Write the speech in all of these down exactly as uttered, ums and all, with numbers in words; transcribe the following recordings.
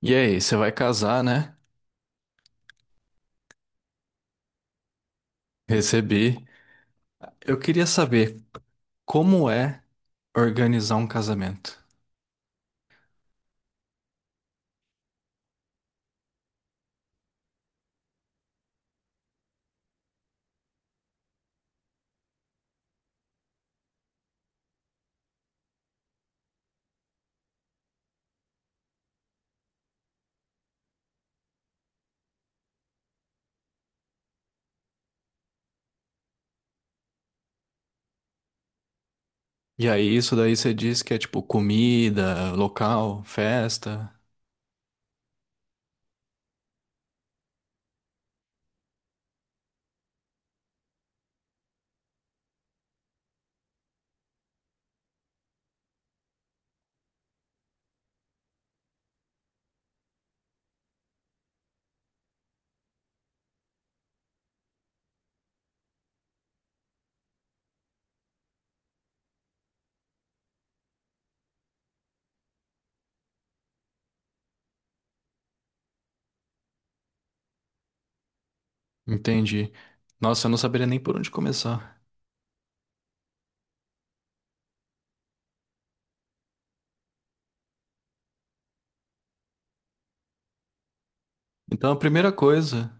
E aí, você vai casar, né? Recebi. Eu queria saber como é organizar um casamento. E aí, isso daí você diz que é tipo comida, local, festa. Entendi. Nossa, eu não saberia nem por onde começar. Então, a primeira coisa,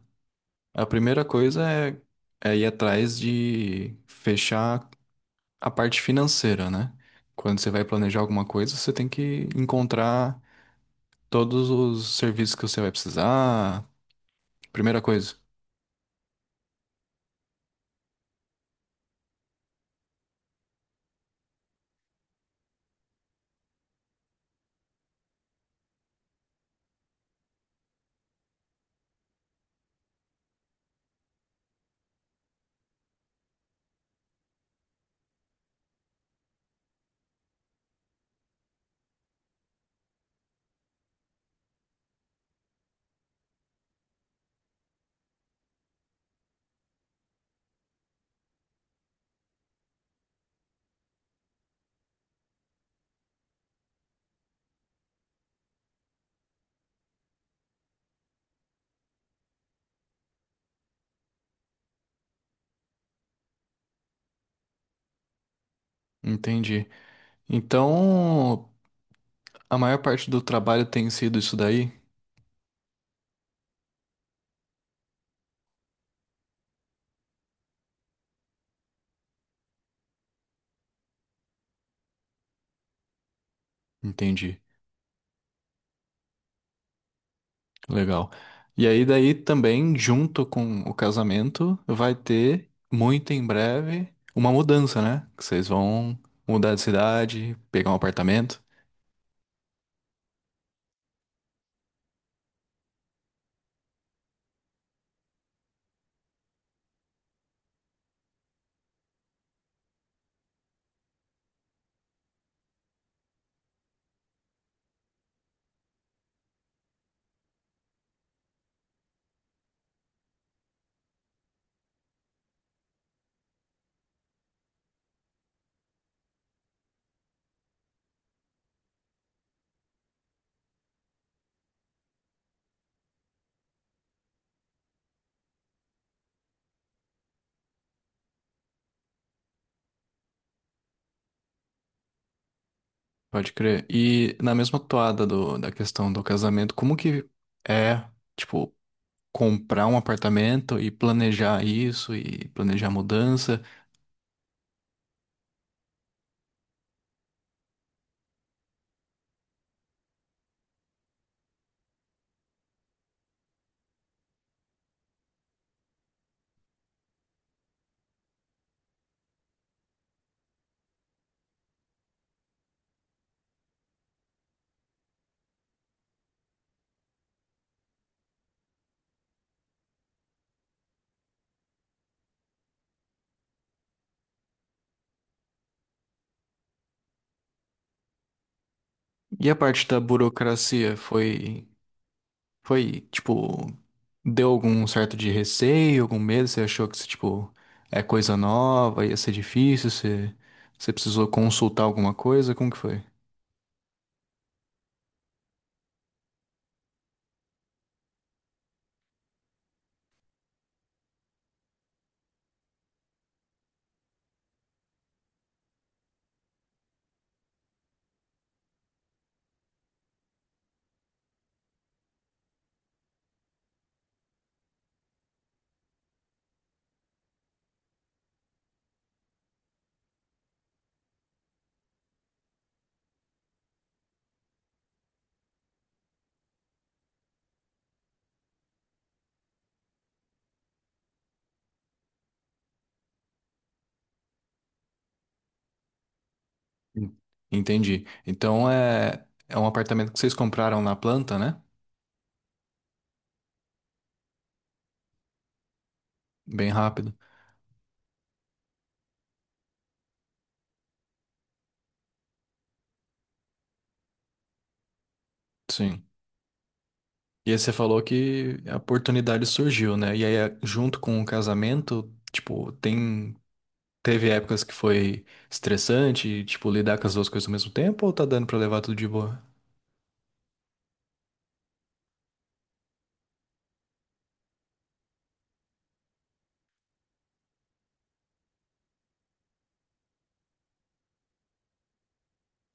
a primeira coisa é, é ir atrás de fechar a parte financeira, né? Quando você vai planejar alguma coisa, você tem que encontrar todos os serviços que você vai precisar. Primeira coisa, entendi. Então, a maior parte do trabalho tem sido isso daí? Entendi. Legal. E aí, daí também, junto com o casamento, vai ter muito em breve uma mudança, né? Que vocês vão mudar de cidade, pegar um apartamento. Pode crer. E na mesma toada do, da questão do casamento, como que é, tipo, comprar um apartamento e planejar isso e planejar a mudança? E a parte da burocracia foi, foi, tipo, deu algum certo de receio, algum medo? Você achou que, tipo, é coisa nova, ia ser difícil? Você, você precisou consultar alguma coisa? Como que foi? En- Entendi. Então é, é um apartamento que vocês compraram na planta, né? Bem rápido. Sim. E aí você falou que a oportunidade surgiu, né? E aí, eh, junto com o casamento, tipo, tem, teve épocas que foi estressante, tipo, lidar com as duas coisas ao mesmo tempo, ou tá dando pra levar tudo de boa?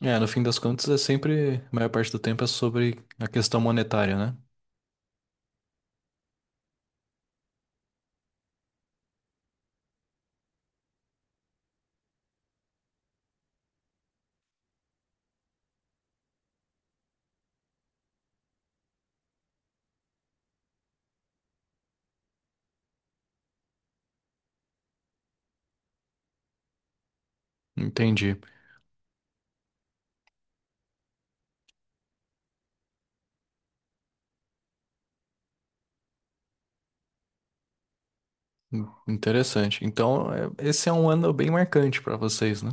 É, no fim das contas, é sempre, a maior parte do tempo é sobre a questão monetária, né? Entendi. In- Interessante. Então, eh, esse é um ano bem marcante pra vocês, né?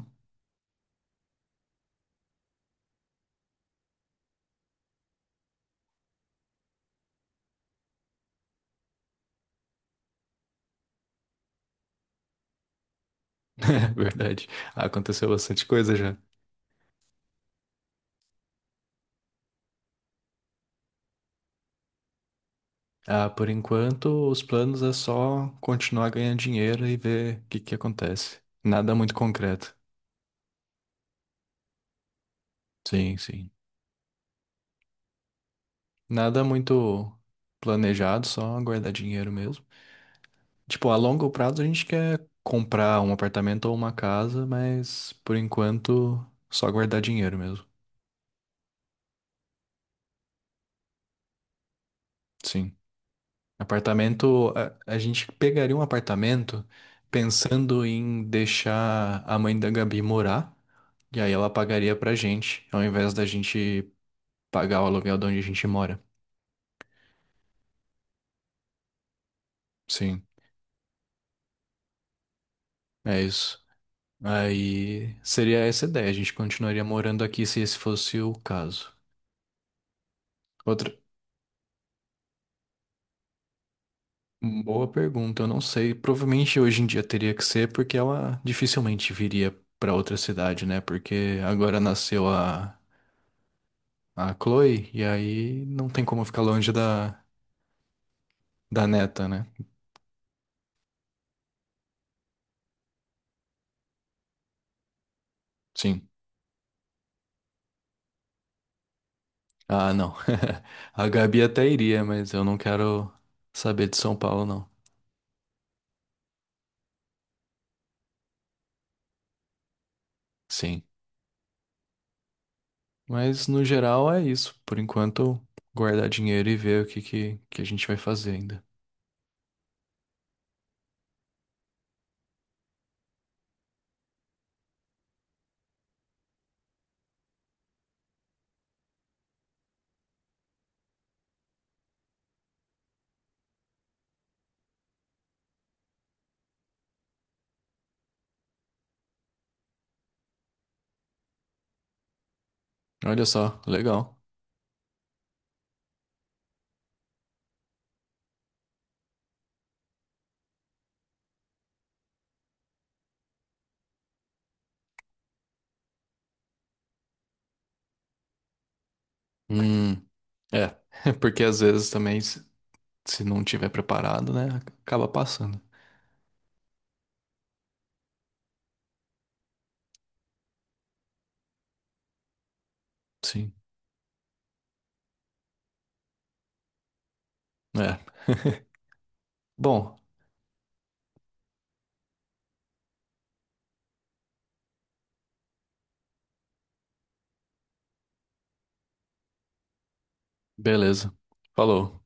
Verdade. Aconteceu bastante coisa já. Ah, por enquanto, os planos é só continuar ganhando dinheiro e ver o que que acontece. Nada muito concreto. Sim, sim. Nada muito planejado, só guardar dinheiro mesmo. Tipo, a longo prazo a gente quer comprar um apartamento ou uma casa, mas por enquanto só guardar dinheiro mesmo. Sim. Apartamento, a, a gente pegaria um apartamento pensando em deixar a mãe da Gabi morar. E aí ela pagaria pra gente, ao invés da gente pagar o aluguel de onde a gente mora. Sim, é isso. Aí seria essa a ideia, a gente continuaria morando aqui se esse fosse o caso. Outra boa pergunta, eu não sei. Provavelmente hoje em dia teria que ser porque ela dificilmente viria pra outra cidade, né? Porque agora nasceu a, a Chloe e aí não tem como ficar longe da, da neta, né? Sim. Ah, não. A Gabi até iria, mas eu não quero saber de São Paulo, não. Sim. Mas no geral é isso. Por enquanto, guardar dinheiro e ver o que, que, que a gente vai fazer ainda. Olha só, legal. Hum, é. Porque às vezes também, se se não tiver preparado, né, acaba passando. Sim, é. Bom, beleza. Falou.